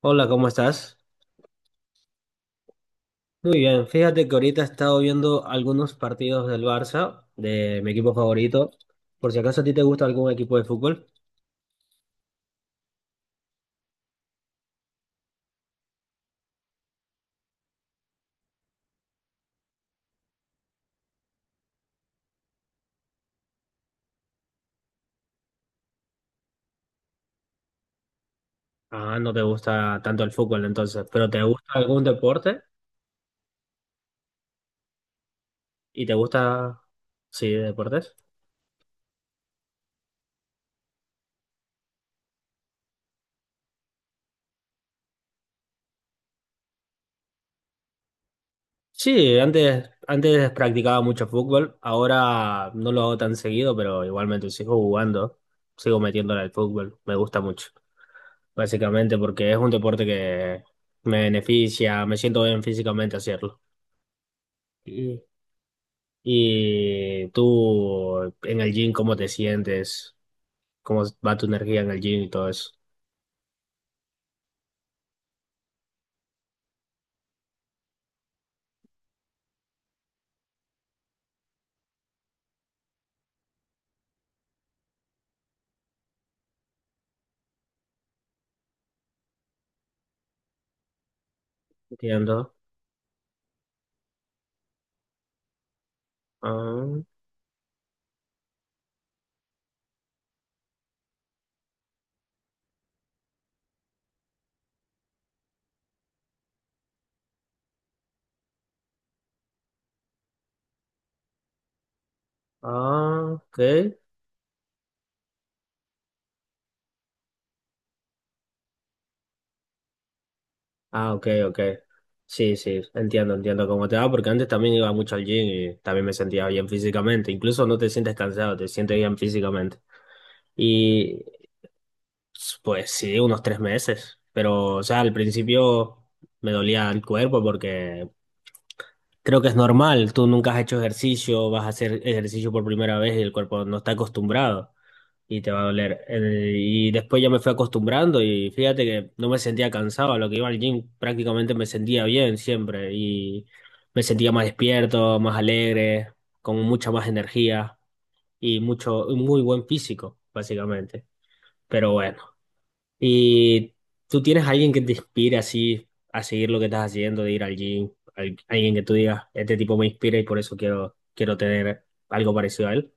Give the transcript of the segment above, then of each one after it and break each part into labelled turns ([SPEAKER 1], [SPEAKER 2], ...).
[SPEAKER 1] Hola, ¿cómo estás? Muy bien, fíjate que ahorita he estado viendo algunos partidos del Barça, de mi equipo favorito. Por si acaso a ti te gusta algún equipo de fútbol. Ah, no te gusta tanto el fútbol entonces, pero ¿te gusta algún deporte? ¿Y te gusta, sí, deportes? Sí, antes practicaba mucho fútbol, ahora no lo hago tan seguido, pero igualmente sigo jugando, sigo metiéndole al fútbol, me gusta mucho, básicamente porque es un deporte que me beneficia, me siento bien físicamente hacerlo. Y tú en el gym, ¿cómo te sientes? ¿Cómo va tu energía en el gym y todo eso? Entiendo. Ah, ah, ok. Ah, ok, ok. Sí, sí, entiendo, entiendo cómo te va, porque antes también iba mucho al gym y también me sentía bien físicamente. Incluso no te sientes cansado, te sientes bien físicamente. Y pues sí, unos tres meses. Pero, o sea, al principio me dolía el cuerpo porque creo que es normal, tú nunca has hecho ejercicio, vas a hacer ejercicio por primera vez y el cuerpo no está acostumbrado y te va a doler. Y después ya me fui acostumbrando y fíjate que no me sentía cansado, a lo que iba al gym prácticamente me sentía bien siempre y me sentía más despierto, más alegre, con mucha más energía y mucho, un muy buen físico, básicamente. Pero bueno. ¿Y tú tienes a alguien que te inspire así a seguir lo que estás haciendo, de ir al gym? Alguien que tú digas, este tipo me inspira y por eso quiero, quiero tener algo parecido a él.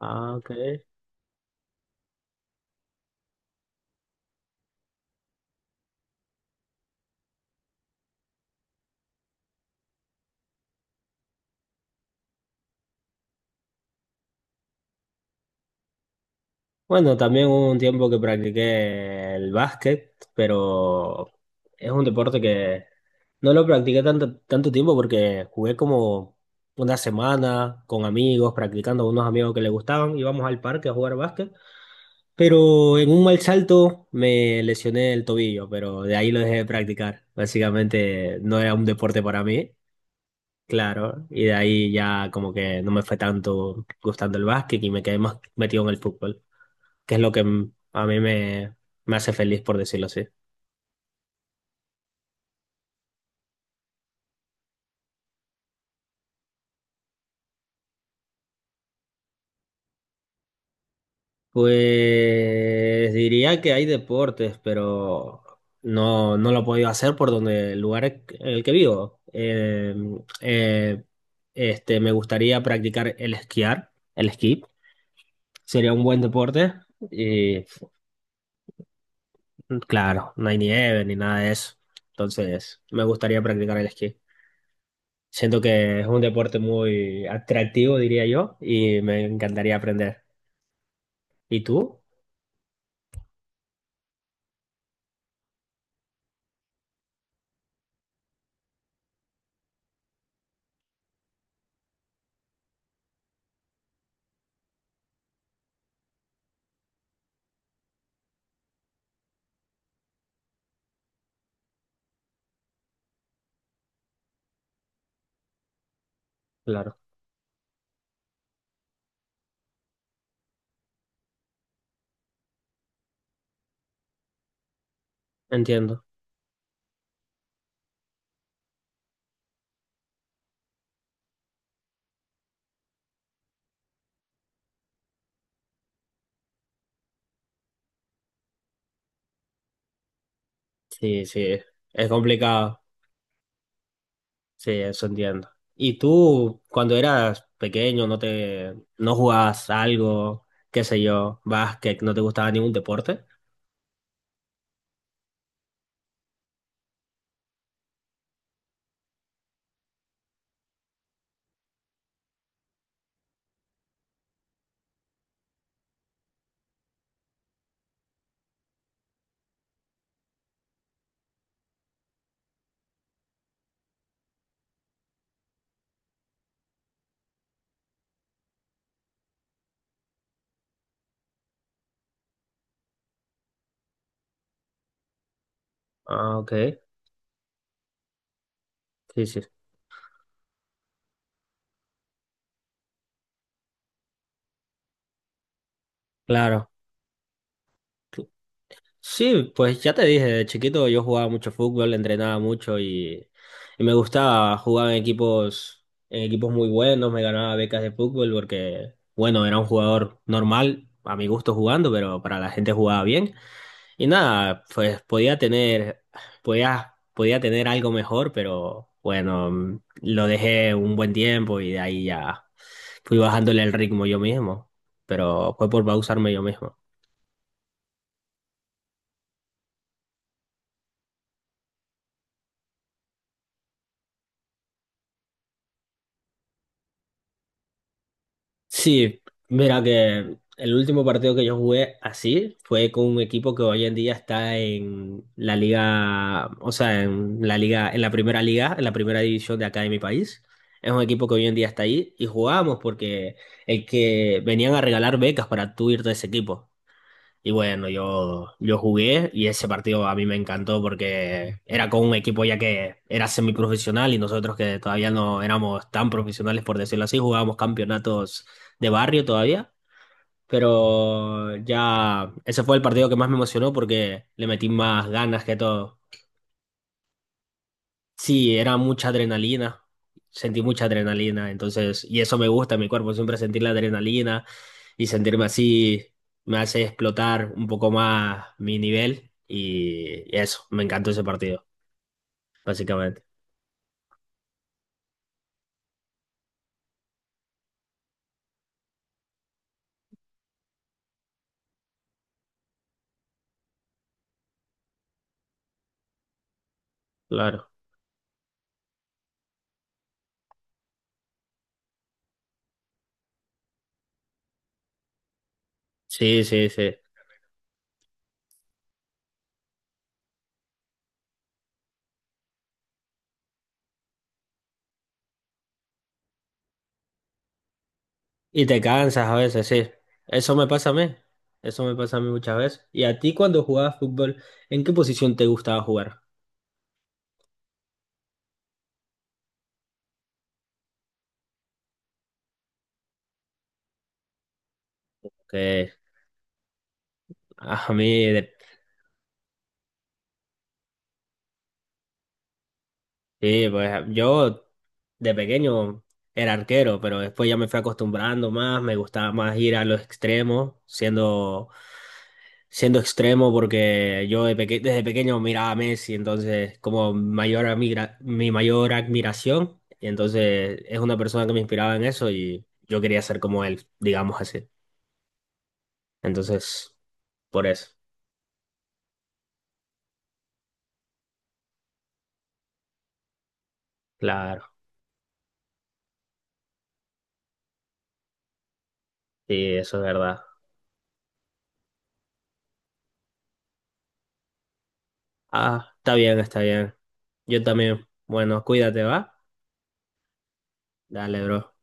[SPEAKER 1] Ah, ok. Bueno, también hubo un tiempo que practiqué el básquet, pero es un deporte que no lo practiqué tanto, tanto tiempo porque jugué como una semana con amigos, practicando con unos amigos que le gustaban, íbamos al parque a jugar básquet. Pero en un mal salto me lesioné el tobillo, pero de ahí lo dejé de practicar. Básicamente no era un deporte para mí, claro, y de ahí ya como que no me fue tanto gustando el básquet y me quedé más metido en el fútbol, que es lo que a mí me, me hace feliz, por decirlo así. Pues diría que hay deportes, pero no, no lo he podido hacer por donde el lugar en el que vivo. Eh, Me gustaría practicar el esquiar, el esquí. Sería un buen deporte. Y claro, no hay nieve ni nada de eso. Entonces, me gustaría practicar el esquí. Siento que es un deporte muy atractivo, diría yo, y me encantaría aprender. ¿Y tú? Claro, entiendo. Sí, sí, es complicado. Sí, eso entiendo. ¿Y tú, cuando eras pequeño, no te, no jugabas algo, qué sé yo, básquet, no te gustaba ningún deporte? Ah, ok. Sí, sí. Claro. Sí, pues ya te dije, de chiquito yo jugaba mucho fútbol, entrenaba mucho y me gustaba jugar en equipos muy buenos, me ganaba becas de fútbol porque, bueno, era un jugador normal, a mi gusto jugando, pero para la gente jugaba bien. Y nada, pues podía tener, podía tener algo mejor, pero bueno, lo dejé un buen tiempo y de ahí ya fui bajándole el ritmo yo mismo, pero fue por pausarme yo mismo. Sí, mira que el último partido que yo jugué así fue con un equipo que hoy en día está en la liga, o sea, en la liga, en la primera liga, en la primera división de acá de mi país. Es un equipo que hoy en día está ahí y jugábamos porque el que venían a regalar becas para tú irte a ese equipo. Y bueno, yo jugué y ese partido a mí me encantó porque era con un equipo ya que era semiprofesional y nosotros que todavía no éramos tan profesionales, por decirlo así, jugábamos campeonatos de barrio todavía. Pero ya ese fue el partido que más me emocionó porque le metí más ganas que todo. Sí, era mucha adrenalina, sentí mucha adrenalina, entonces, y eso me gusta, mi cuerpo siempre sentir la adrenalina y sentirme así me hace explotar un poco más mi nivel y eso, me encantó ese partido, básicamente. Claro. Sí, sí, sí. Y te cansas a veces, sí. Eso me pasa a mí. Eso me pasa a mí muchas veces. ¿Y a ti cuando jugabas fútbol, en qué posición te gustaba jugar? Que a mí, sí, pues yo de pequeño era arquero, pero después ya me fui acostumbrando más, me gustaba más ir a los extremos, siendo siendo extremo porque yo desde pequeño miraba a Messi, entonces como mayor mi mayor admiración, y entonces es una persona que me inspiraba en eso y yo quería ser como él, digamos así. Entonces, por eso, claro, sí, eso es verdad. Ah, está bien, está bien. Yo también. Bueno, cuídate, ¿va? Dale, bro.